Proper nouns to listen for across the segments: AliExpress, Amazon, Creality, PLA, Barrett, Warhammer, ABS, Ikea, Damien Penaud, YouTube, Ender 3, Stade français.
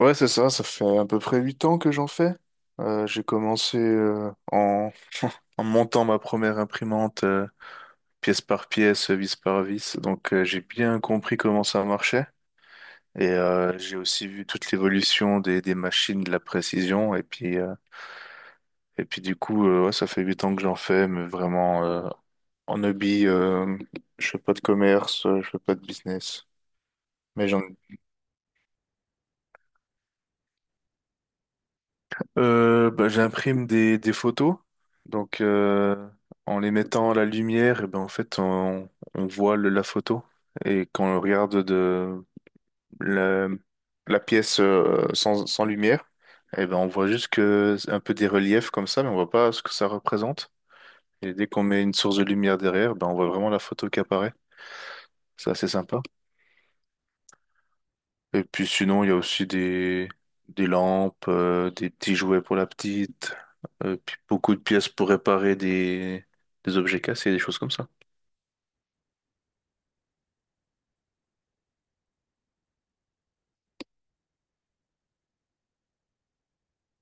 Ouais, c'est ça, ça fait à peu près 8 ans que j'en fais. J'ai commencé en montant ma première imprimante pièce par pièce, vis par vis, donc j'ai bien compris comment ça marchait. Et j'ai aussi vu toute l'évolution des, machines, de la précision, et puis du coup, ouais, ça fait 8 ans que j'en fais, mais vraiment en hobby, je fais pas de commerce, je fais pas de business. Mais j'en Bah, j'imprime des, photos. Donc, en les mettant à la lumière, et ben, en fait, on, voit la photo. Et quand on regarde de la, la, pièce sans lumière, et ben, on voit juste que c'est un peu des reliefs comme ça, mais on voit pas ce que ça représente. Et dès qu'on met une source de lumière derrière, ben, on voit vraiment la photo qui apparaît. C'est assez sympa. Et puis sinon, il y a aussi des, lampes, des petits jouets pour la petite, puis beaucoup de pièces pour réparer des objets cassés, des choses comme ça.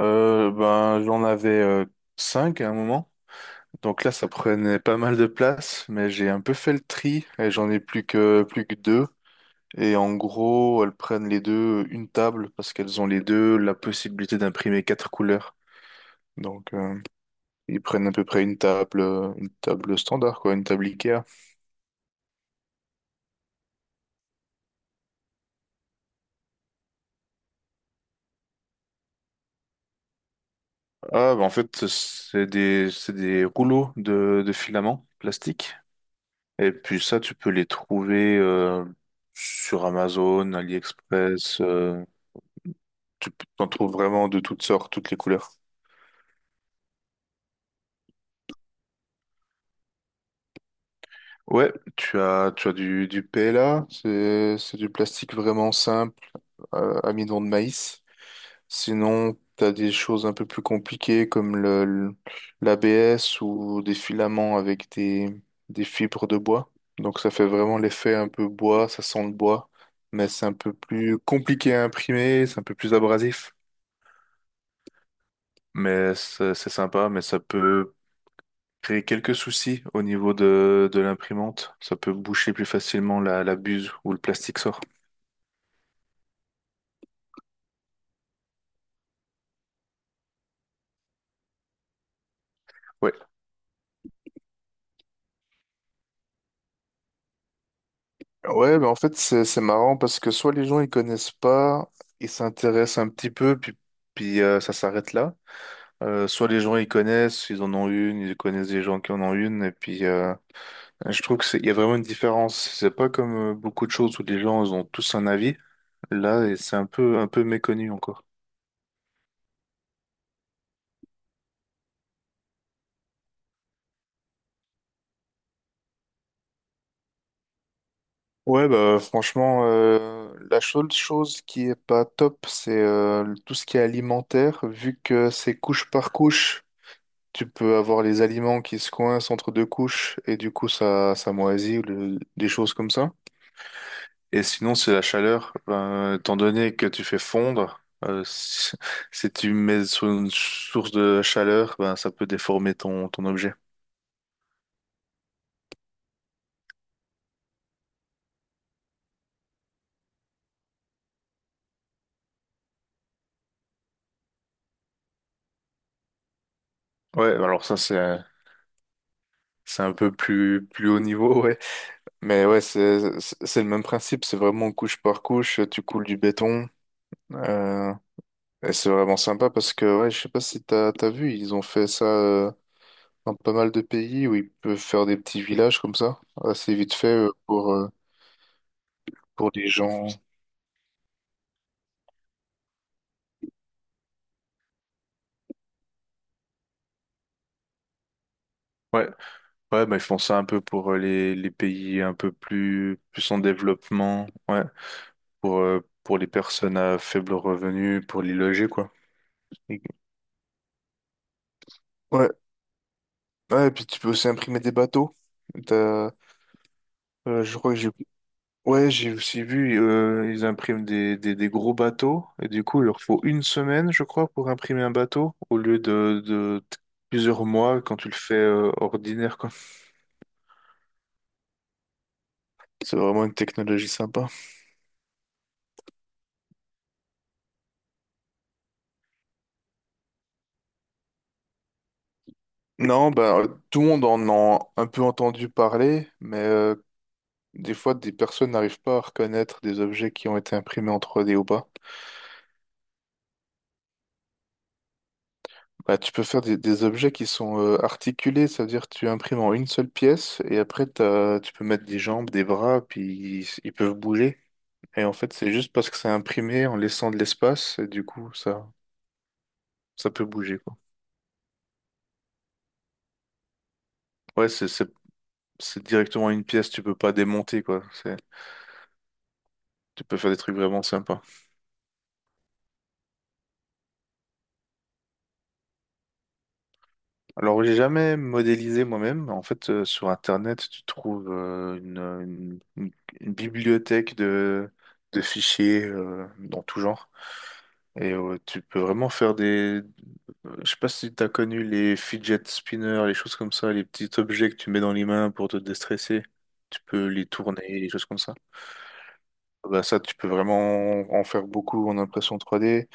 Ben, j'en avais cinq à un moment. Donc là, ça prenait pas mal de place, mais j'ai un peu fait le tri et j'en ai plus que deux. Et en gros, elles prennent les deux une table parce qu'elles ont les deux la possibilité d'imprimer quatre couleurs. Donc ils prennent à peu près une table standard quoi, une table Ikea. Ah, bah, en fait, c'est des, rouleaux de filaments plastiques. Et puis ça, tu peux les trouver sur Amazon, AliExpress. T'en trouves vraiment de toutes sortes, toutes les couleurs. Ouais, tu as du, PLA, c'est du plastique vraiment simple, amidon de maïs. Sinon, t'as des choses un peu plus compliquées comme le, l'ABS ou des filaments avec des fibres de bois. Donc ça fait vraiment l'effet un peu bois, ça sent le bois, mais c'est un peu plus compliqué à imprimer, c'est un peu plus abrasif. Mais c'est sympa, mais ça peut créer quelques soucis au niveau de, l'imprimante. Ça peut boucher plus facilement la buse où le plastique sort. Ouais. Ouais, mais en fait, c'est marrant parce que soit les gens ils connaissent pas, ils s'intéressent un petit peu, puis, ça s'arrête là. Soit les gens ils connaissent, ils en ont une, ils connaissent des gens qui en ont une, et puis je trouve que il y a vraiment une différence. C'est pas comme beaucoup de choses où les gens ils ont tous un avis. Là, et c'est un peu méconnu encore. Ouais, bah franchement, la seule chose qui est pas top, c'est tout ce qui est alimentaire, vu que c'est couche par couche. Tu peux avoir les aliments qui se coincent entre deux couches et du coup ça, ça moisit ou des choses comme ça. Et sinon, c'est la chaleur. Ben, étant donné que tu fais fondre, si, si tu mets sur une source de chaleur, ben, ça peut déformer ton, objet. Ouais, alors ça, c'est un peu plus haut niveau, ouais. Mais ouais, c'est le même principe, c'est vraiment couche par couche, tu coules du béton. euh, et c'est vraiment sympa parce que ouais, je sais pas si t'as vu, ils ont fait ça dans pas mal de pays où ils peuvent faire des petits villages comme ça, assez vite fait pour des gens. Ouais, ouais, bah, ils font ça un peu pour les, pays un peu plus en développement, ouais, pour les personnes à faible revenu, pour les loger, quoi. Et- Ouais, ouais, et puis tu peux aussi imprimer des bateaux. T'as- je crois que j'ai Ouais, j'ai aussi vu, ils impriment des, gros bateaux, et du coup, il leur faut une semaine, je crois, pour imprimer un bateau, au lieu de plusieurs mois quand tu le fais, ordinaire, quoi. C'est vraiment une technologie sympa. Non, bah, tout le monde en a un peu entendu parler, mais des fois, des personnes n'arrivent pas à reconnaître des objets qui ont été imprimés en 3D ou pas. Bah, tu peux faire des, objets qui sont articulés, ça veut dire que tu imprimes en une seule pièce et après tu peux mettre des jambes, des bras, puis ils, peuvent bouger. Et en fait, c'est juste parce que c'est imprimé en laissant de l'espace et du coup, ça peut bouger, quoi. Ouais, c'est directement une pièce, tu peux pas démonter, quoi. Tu peux faire des trucs vraiment sympas. Alors, j'ai jamais modélisé moi-même. En fait, sur Internet, tu trouves une bibliothèque de fichiers dans tout genre. Et tu peux vraiment faire des. Je sais pas si tu as connu les fidget spinners, les choses comme ça, les petits objets que tu mets dans les mains pour te déstresser. Tu peux les tourner, les choses comme ça. Bah ça, tu peux vraiment en faire beaucoup en impression 3D.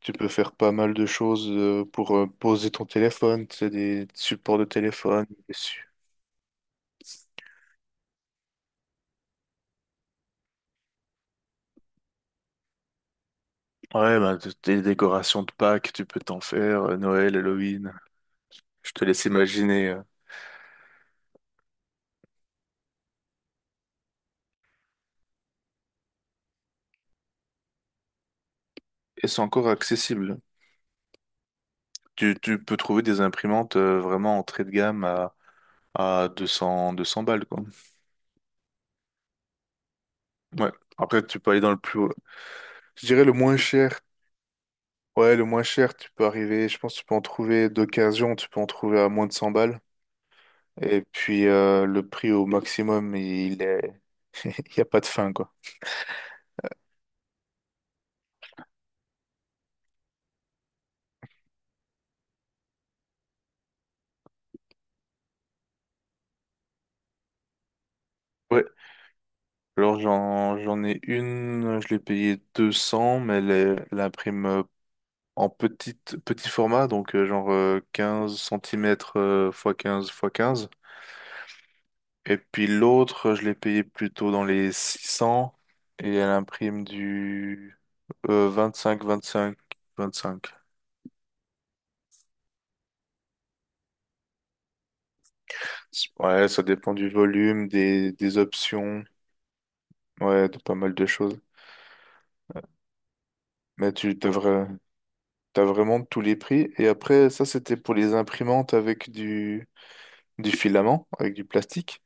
Tu peux faire pas mal de choses pour poser ton téléphone, tu sais, des supports de téléphone. Dessus Ouais, bah, des décorations de Pâques, tu peux t'en faire, Noël, Halloween. Je te laisse imaginer. Et c'est encore accessible. Tu peux trouver des imprimantes vraiment entrée de gamme à 200, 200 balles, quoi. Ouais. Après, tu peux aller dans le plus haut. Je dirais le moins cher. Ouais, le moins cher, tu peux arriver, je pense que tu peux en trouver d'occasion, tu peux en trouver à moins de 100 balles. Et puis le prix au maximum, il n'y a pas de fin, quoi. Ouais. Alors j'en ai une, je l'ai payée 200, mais elle imprime en petit format, donc genre 15 cm fois 15 fois 15. Et puis l'autre, je l'ai payée plutôt dans les 600 et elle imprime du 25, 25, 25. Ouais, ça dépend du volume, des, options, ouais, de pas mal de choses. Mais tu devrais, T'as vraiment de tous les prix. Et après, ça, c'était pour les imprimantes avec du, filament, avec du plastique.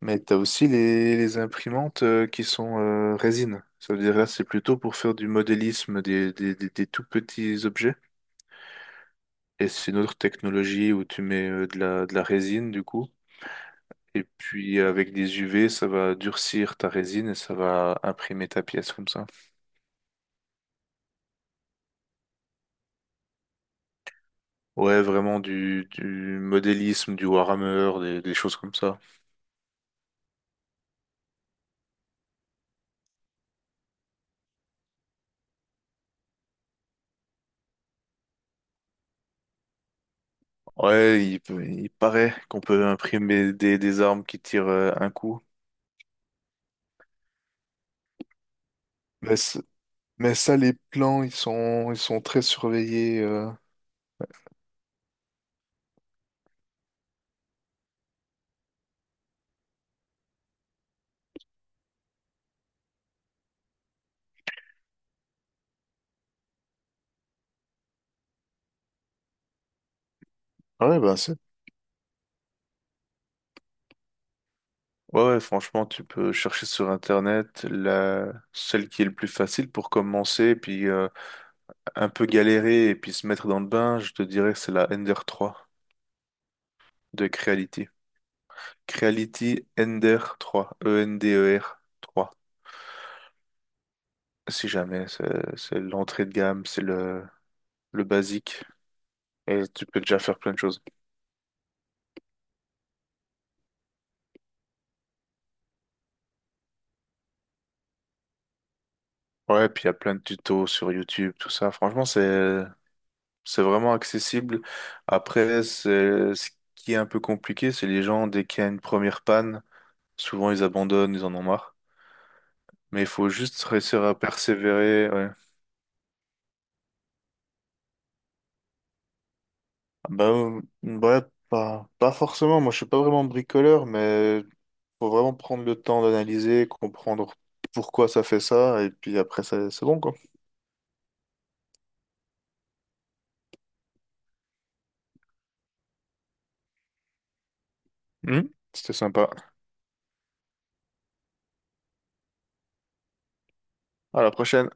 Mais t'as aussi les imprimantes qui sont résine. Ça veut dire là, c'est plutôt pour faire du modélisme des, tout petits objets. Et c'est une autre technologie où tu mets de la résine, du coup. Et puis, avec des UV, ça va durcir ta résine et ça va imprimer ta pièce comme ça. Ouais, vraiment du, modélisme, du Warhammer, des choses comme ça. Ouais, il paraît qu'on peut imprimer des armes qui tirent un coup. Mais, c- mais ça, les plans, ils sont très surveillés. Ouais, Ouais, ouais, franchement, tu peux chercher sur Internet celle qui est le plus facile pour commencer, puis un peu galérer et puis se mettre dans le bain. Je te dirais que c'est la Ender 3 de Creality. Creality Ender 3, Ender 3. Si jamais, c'est l'entrée de gamme, c'est le basique. Et tu peux déjà faire plein de choses. Ouais, puis il y a plein de tutos sur YouTube, tout ça. Franchement, c'est vraiment accessible. Après, c'est ce qui est un peu compliqué, c'est les gens, dès qu'il y a une première panne, souvent ils abandonnent, ils en ont marre. Mais il faut juste réussir à persévérer. Ouais. Bah, ouais, pas, pas forcément. Moi, je suis pas vraiment bricoleur, mais faut vraiment prendre le temps d'analyser, comprendre pourquoi ça fait ça, et puis après, c'est bon, quoi. Mhm. C'était sympa. À la prochaine.